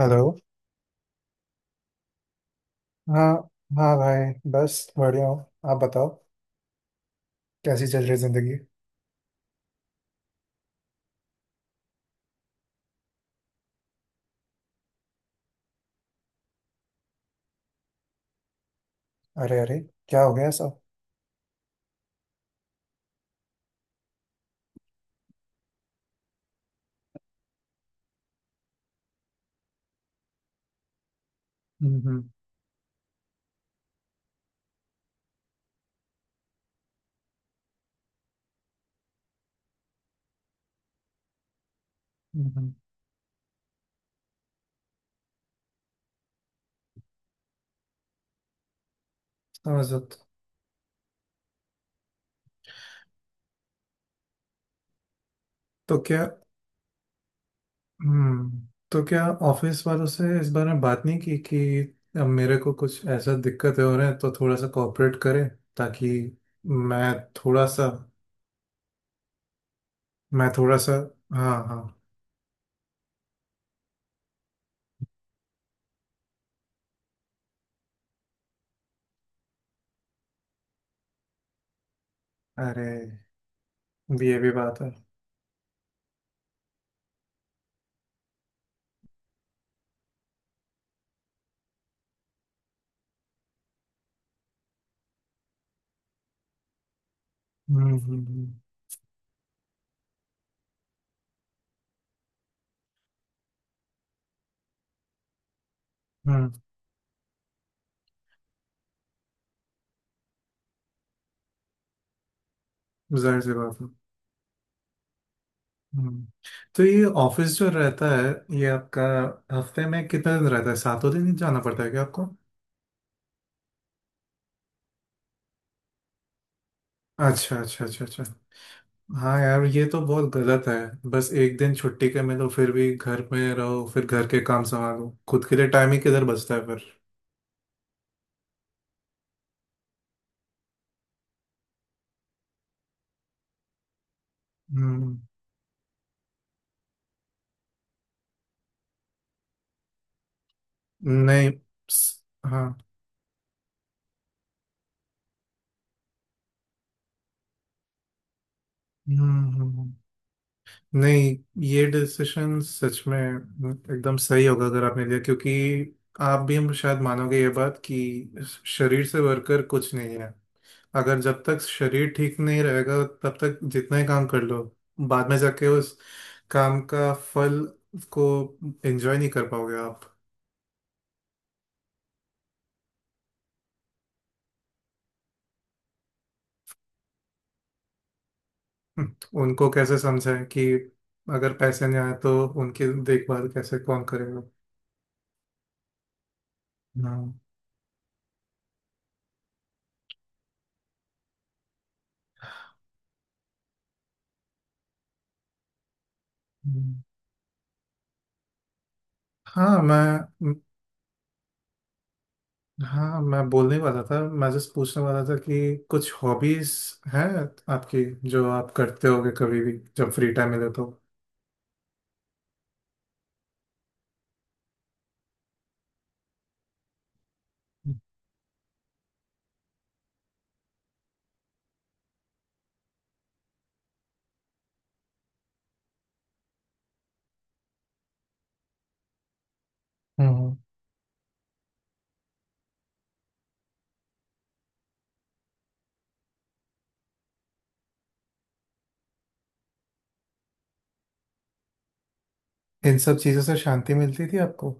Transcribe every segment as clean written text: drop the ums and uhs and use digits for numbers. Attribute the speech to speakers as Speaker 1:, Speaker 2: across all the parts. Speaker 1: Hello. हाँ, हाँ भाई, बस बढ़िया हूँ। आप बताओ, कैसी चल रही जिंदगी? अरे, अरे, क्या हो गया ऐसा? हम्म, हम्म, समझ रहा था। तो क्या तो क्या ऑफिस वालों से इस बारे में बात नहीं की कि अब मेरे को कुछ ऐसा दिक्कतें हो रहे हैं, तो थोड़ा सा कोऑपरेट करें, ताकि मैं थोड़ा सा मैं थोड़ा सा... हाँ, हाँ। अरे, ये भी बात है। हम्म, हम्म, हम्म, हम्म, जाहिर सी बात है। हम्म। तो ये ऑफिस जो रहता है, ये आपका हफ्ते में कितने दिन रहता है? सातों दिन ही जाना पड़ता है क्या आपको? अच्छा, अच्छा, अच्छा, अच्छा। हाँ यार, ये तो बहुत गलत है। बस एक दिन छुट्टी के मिलो, फिर भी घर में रहो, फिर घर के काम संभालो, खुद के लिए टाइम ही किधर बचता है फिर? हम्म। नहीं हाँ। हम्म, नहीं, ये डिसीजन सच में एकदम सही होगा अगर आपने लिया, क्योंकि आप भी हम शायद मानोगे ये बात कि शरीर से बढ़कर कुछ नहीं है। अगर जब तक शरीर ठीक नहीं रहेगा, तब तक जितना ही काम कर लो, बाद में जाके उस काम का फल को एंजॉय नहीं कर पाओगे आप। हम्म, उनको कैसे समझाएं कि अगर पैसे नहीं आए तो उनकी देखभाल कैसे कौन करेगा? हाँ। हम्म। हाँ मैं म- हाँ, मैं बोलने वाला था, मैं जस्ट पूछने वाला था कि कुछ हॉबीज हैं आपकी, जो आप करते होगे कभी भी जब फ्री टाइम मिले तो? हम्म। इन सब चीज़ों से शांति मिलती थी आपको?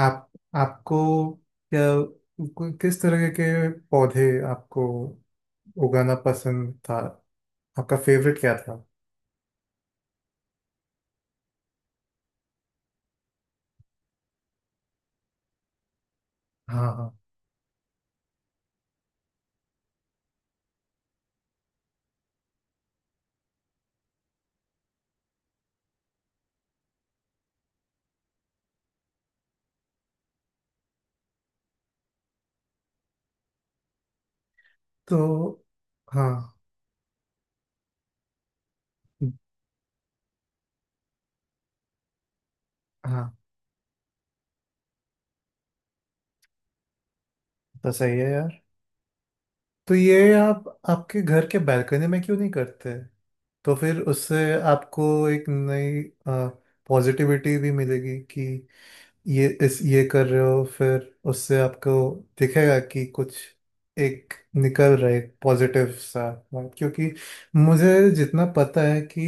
Speaker 1: आप आपको क्या किस तरह के पौधे आपको उगाना पसंद था? आपका फेवरेट क्या था? हाँ, हाँ। तो हाँ, हाँ। तो सही है यार। तो ये आप आपके घर के बालकनी में क्यों नहीं करते? तो फिर उससे आपको एक नई पॉजिटिविटी भी मिलेगी कि ये इस ये कर रहे हो, फिर उससे आपको दिखेगा कि कुछ एक निकल रहा है पॉजिटिव सा बात। क्योंकि मुझे जितना पता है कि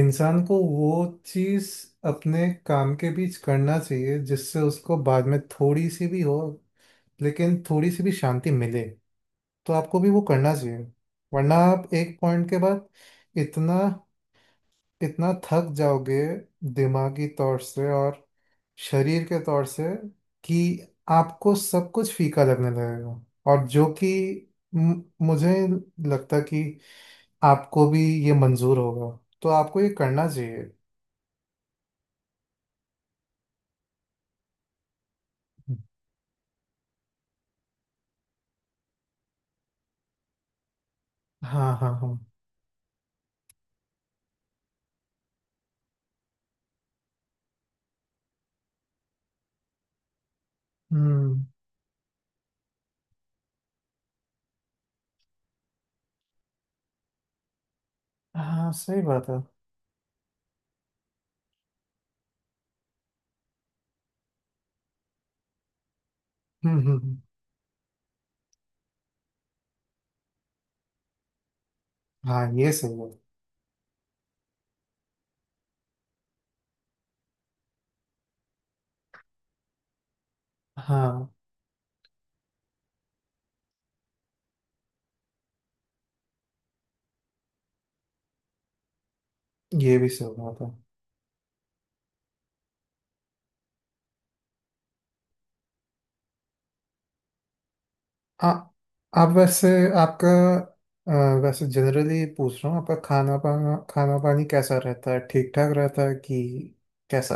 Speaker 1: इंसान को वो चीज़ अपने काम के बीच करना चाहिए जिससे उसको बाद में थोड़ी सी भी हो, लेकिन थोड़ी सी भी शांति मिले। तो आपको भी वो करना चाहिए, वरना आप एक पॉइंट के बाद इतना इतना थक जाओगे दिमागी तौर से और शरीर के तौर से कि आपको सब कुछ फीका लगने लगेगा। और जो कि मु- मुझे लगता कि आपको भी ये मंजूर होगा, तो आपको ये करना चाहिए। हाँ, हाँ, हाँ। हम्म। हाँ सही बात है। हम्म, हम्म, हाँ, ये सही बात है। हाँ, ये भी सही बात है। आ, आप वैसे, आपका अ, वैसे जनरली पूछ रहा हूँ, आपका खाना पाना खाना पानी कैसा रहता है? ठीक ठाक रहता है कि कैसा?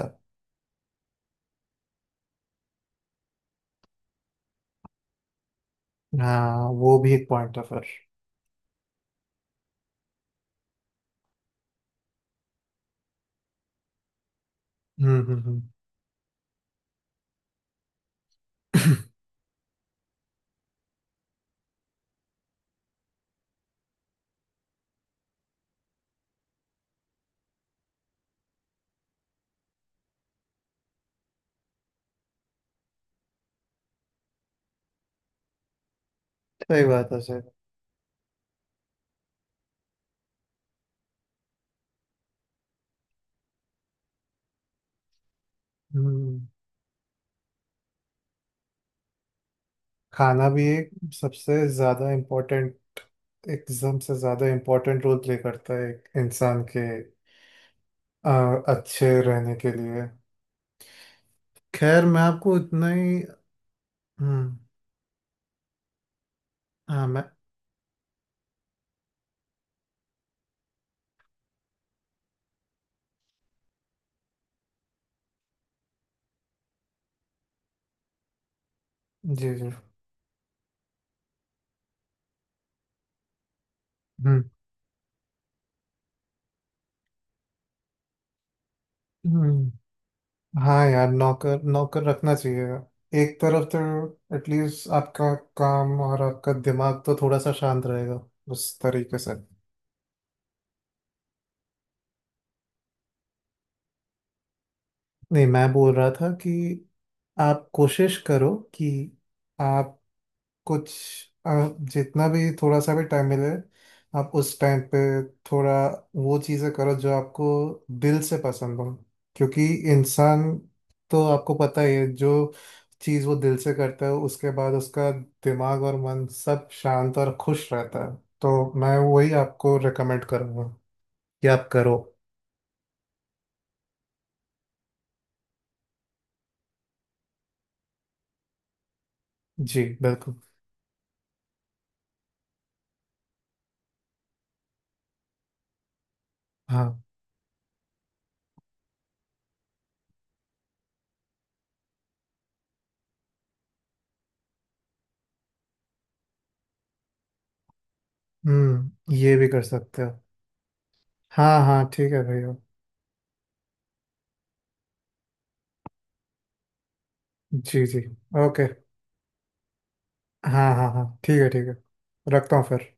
Speaker 1: हाँ, वो भी एक पॉइंट है फिर। हम्म, हम्म, हम्म। सही बात है, सही बात। हम्म। खाना भी एक सबसे ज्यादा इम्पोर्टेंट, एकदम से ज्यादा इम्पोर्टेंट रोल प्ले करता है एक इंसान के अच्छे रहने के लिए। खैर मैं आपको इतना ही। हम्म। हाँ, मैं... जी, जी। हम्म, हम्म। हाँ यार, नौकर, नौकर रखना चाहिए एक तरफ तो, एटलीस्ट आपका काम और आपका दिमाग तो थोड़ा सा शांत रहेगा उस तरीके से। नहीं, मैं बोल रहा था कि आप कोशिश करो कि आप कुछ... जितना भी थोड़ा सा भी टाइम मिले, आप उस टाइम पे थोड़ा वो चीज़ें करो जो आपको दिल से पसंद हो। क्योंकि इंसान, तो आपको पता ही है, जो चीज़ वो दिल से करता है उसके बाद उसका दिमाग और मन सब शांत और खुश रहता है। तो मैं वही आपको रेकमेंड करूँगा कि आप करो। जी बिल्कुल। हाँ। हम्म, ये भी कर सकते हो। हाँ, हाँ, ठीक है भैया। जी, जी। ओके। हाँ, हाँ, हाँ, ठीक है, ठीक है। रखता हूँ फिर।